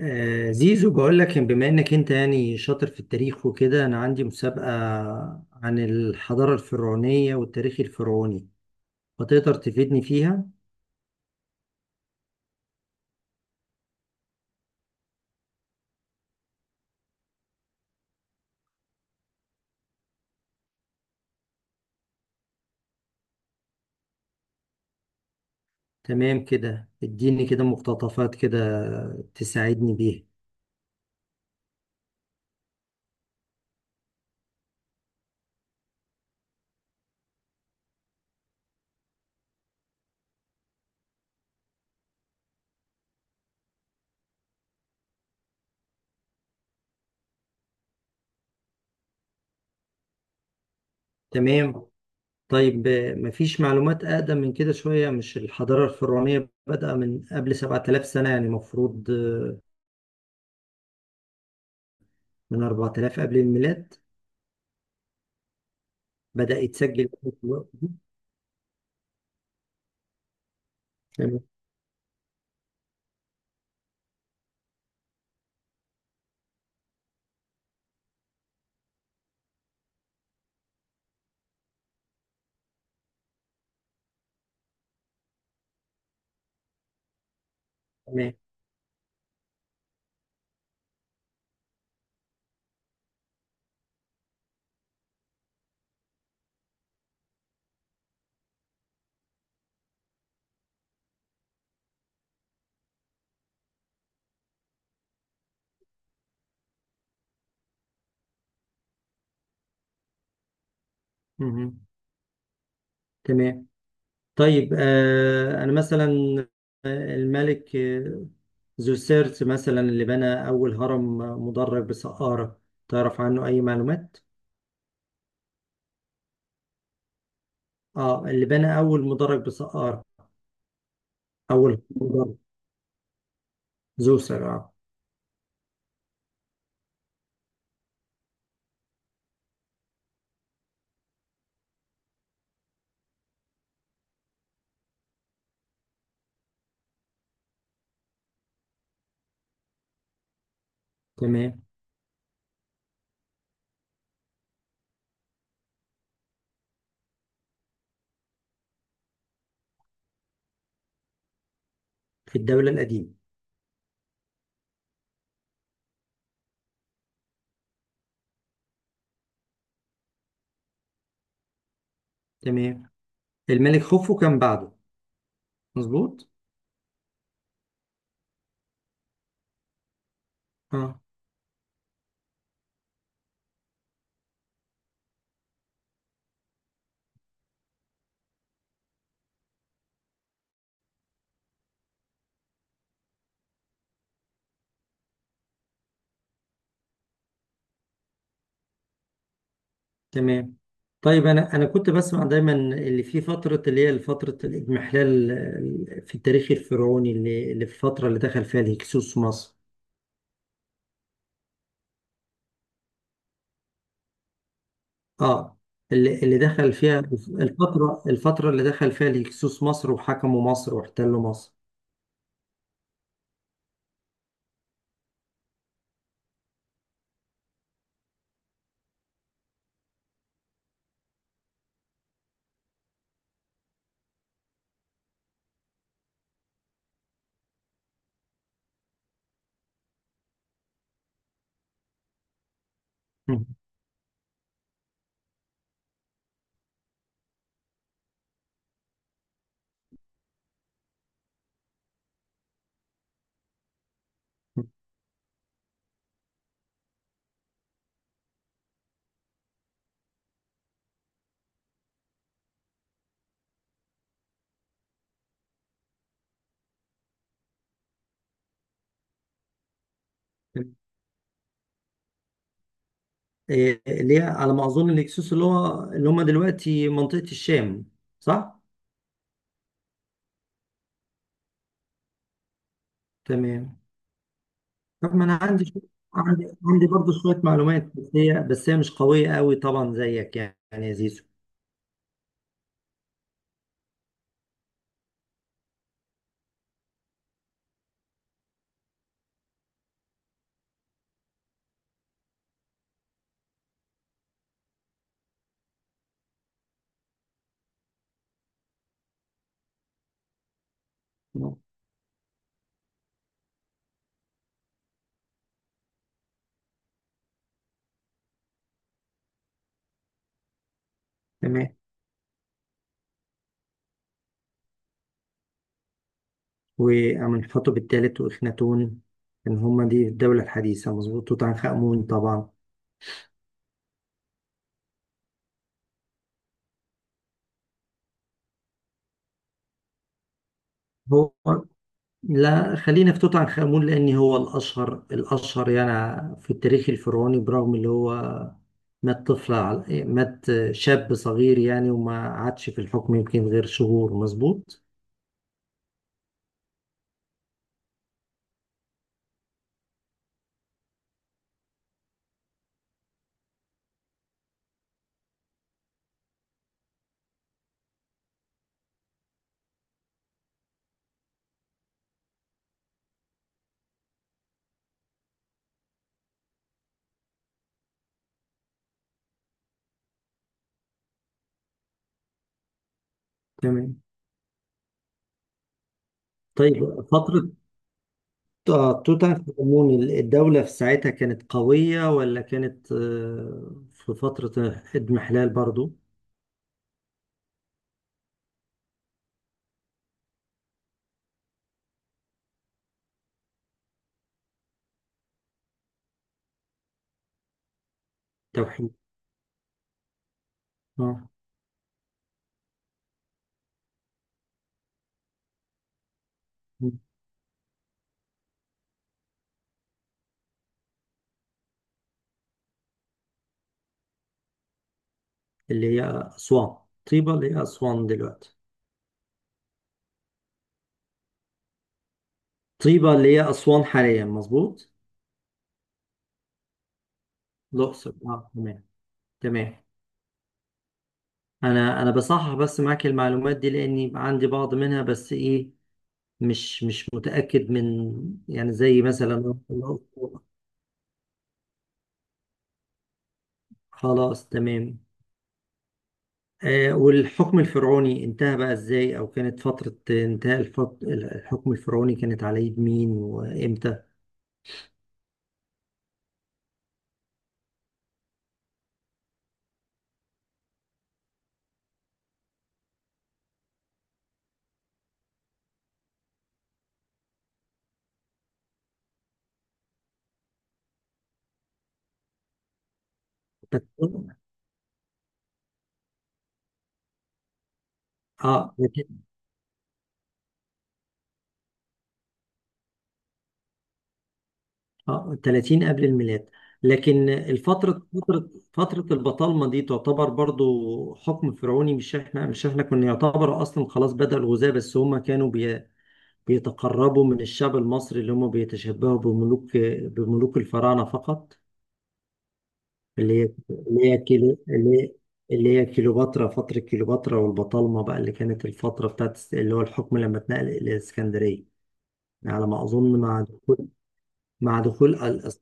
زيزو بقول لك إن بما انك انت يعني شاطر في التاريخ وكده، انا عندي مسابقة عن الحضارة الفرعونية والتاريخ الفرعوني، فتقدر تفيدني فيها؟ تمام كده، اديني كده مقتطفات كده تساعدني بيها. تمام. طيب، مفيش معلومات اقدم من كده شوية؟ مش الحضارة الفرعونية بدأ من قبل 7000 سنة؟ يعني مفروض من 4000 قبل الميلاد بدأ يتسجل في الوقت ده. تمام. تمام. مهم. تمام. طيب، أنا مثلا، الملك زوسيرت مثلا اللي بنى أول هرم مدرج بسقارة، تعرف عنه أي معلومات؟ آه، اللي بنى أول مدرج بسقارة، أول هرم مدرج، زوسر، آه. تمام. في الدولة القديمة. تمام. الملك خوفو كان بعده، مظبوط؟ آه. تمام. طيب، أنا كنت بسمع دايما اللي في فترة، اللي هي فترة الإضمحلال، في التاريخ الفرعوني، اللي في الفترة اللي دخل فيها الهكسوس مصر. اه، اللي دخل فيها، الفترة اللي دخل فيها الهكسوس مصر، وحكموا مصر، واحتلوا مصر. مم. إيه اللي هي على ما أظن الهكسوس، اللي هم دلوقتي منطقة الشام، صح؟ تمام. طب ما أنا عندي عندي برضه شوية معلومات، بس هي مش قوية قوي طبعا زيك، يعني يا زيزو. تمام. وأمنحتب الثالث وإخناتون، إن هم دي الدولة الحديثة، مظبوط؟ توت عنخ آمون طبعا. هو لا، خلينا في توت عنخ آمون، لأن هو الأشهر الأشهر يعني في التاريخ الفرعوني، برغم اللي هو مات شاب صغير يعني، وما عادش في الحكم يمكن غير شهور، مظبوط. تمام. طيب، فترة توت عنخ آمون، الدولة في ساعتها كانت قوية، ولا كانت في فترة اضمحلال برضو؟ توحيد. آه. اللي هي أسوان. طيبة اللي هي أسوان دلوقتي. طيبة اللي هي أسوان حاليا، مظبوط. الأقصر، اه، تمام. تمام. انا بصحح بس معاك المعلومات دي، لاني عندي بعض منها، بس ايه، مش متأكد من، يعني، زي مثلا. الأقصر. خلاص، تمام. آه، والحكم الفرعوني انتهى بقى ازاي، او كانت فترة انتهاء الحكم الفرعوني كانت على يد مين وامتى؟ بس- اه، اه، 30 قبل الميلاد. لكن الفترة، فترة البطالمة دي تعتبر برضو حكم فرعوني. مش احنا كنا يعتبر اصلا خلاص بدأ الغزاة، بس هما كانوا بيتقربوا من الشعب المصري، اللي هما بيتشبهوا بملوك الفراعنة فقط. اللي هي اللي هي كيلوباترا، فترة كيلوباترا والبطالمة بقى، اللي كانت الفترة بتاعت اللي هو الحكم لما اتنقل إلى الإسكندرية، على ما أظن مع دخول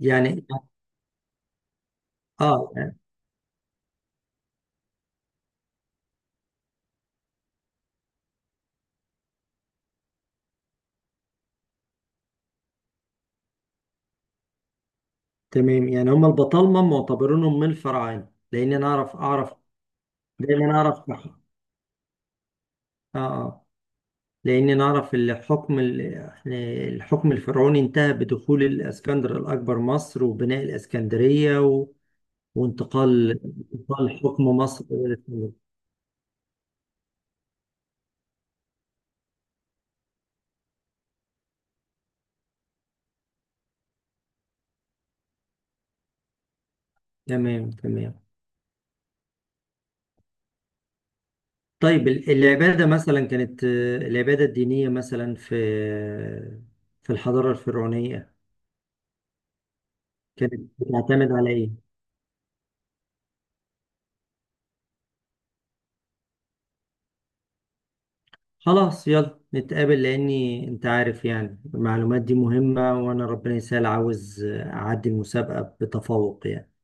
يعني. اه، تمام، يعني هم البطالمة معتبرينهم من الفراعنة، لأن أنا أعرف دايما أعرف، آه، آه. لأن أنا أعرف الحكم، يعني الحكم الفرعوني انتهى بدخول الإسكندر الأكبر مصر، وبناء الإسكندرية، وانتقال حكم مصر إلى الإسكندرية. تمام. تمام. طيب، العبادة مثلا كانت، العبادة الدينية مثلا، في الحضارة الفرعونية كانت بتعتمد على إيه؟ خلاص، يلا نتقابل، لاني انت عارف يعني المعلومات دي مهمة، وانا ربنا يسهل، عاوز اعدي المسابقة بتفوق، يعني.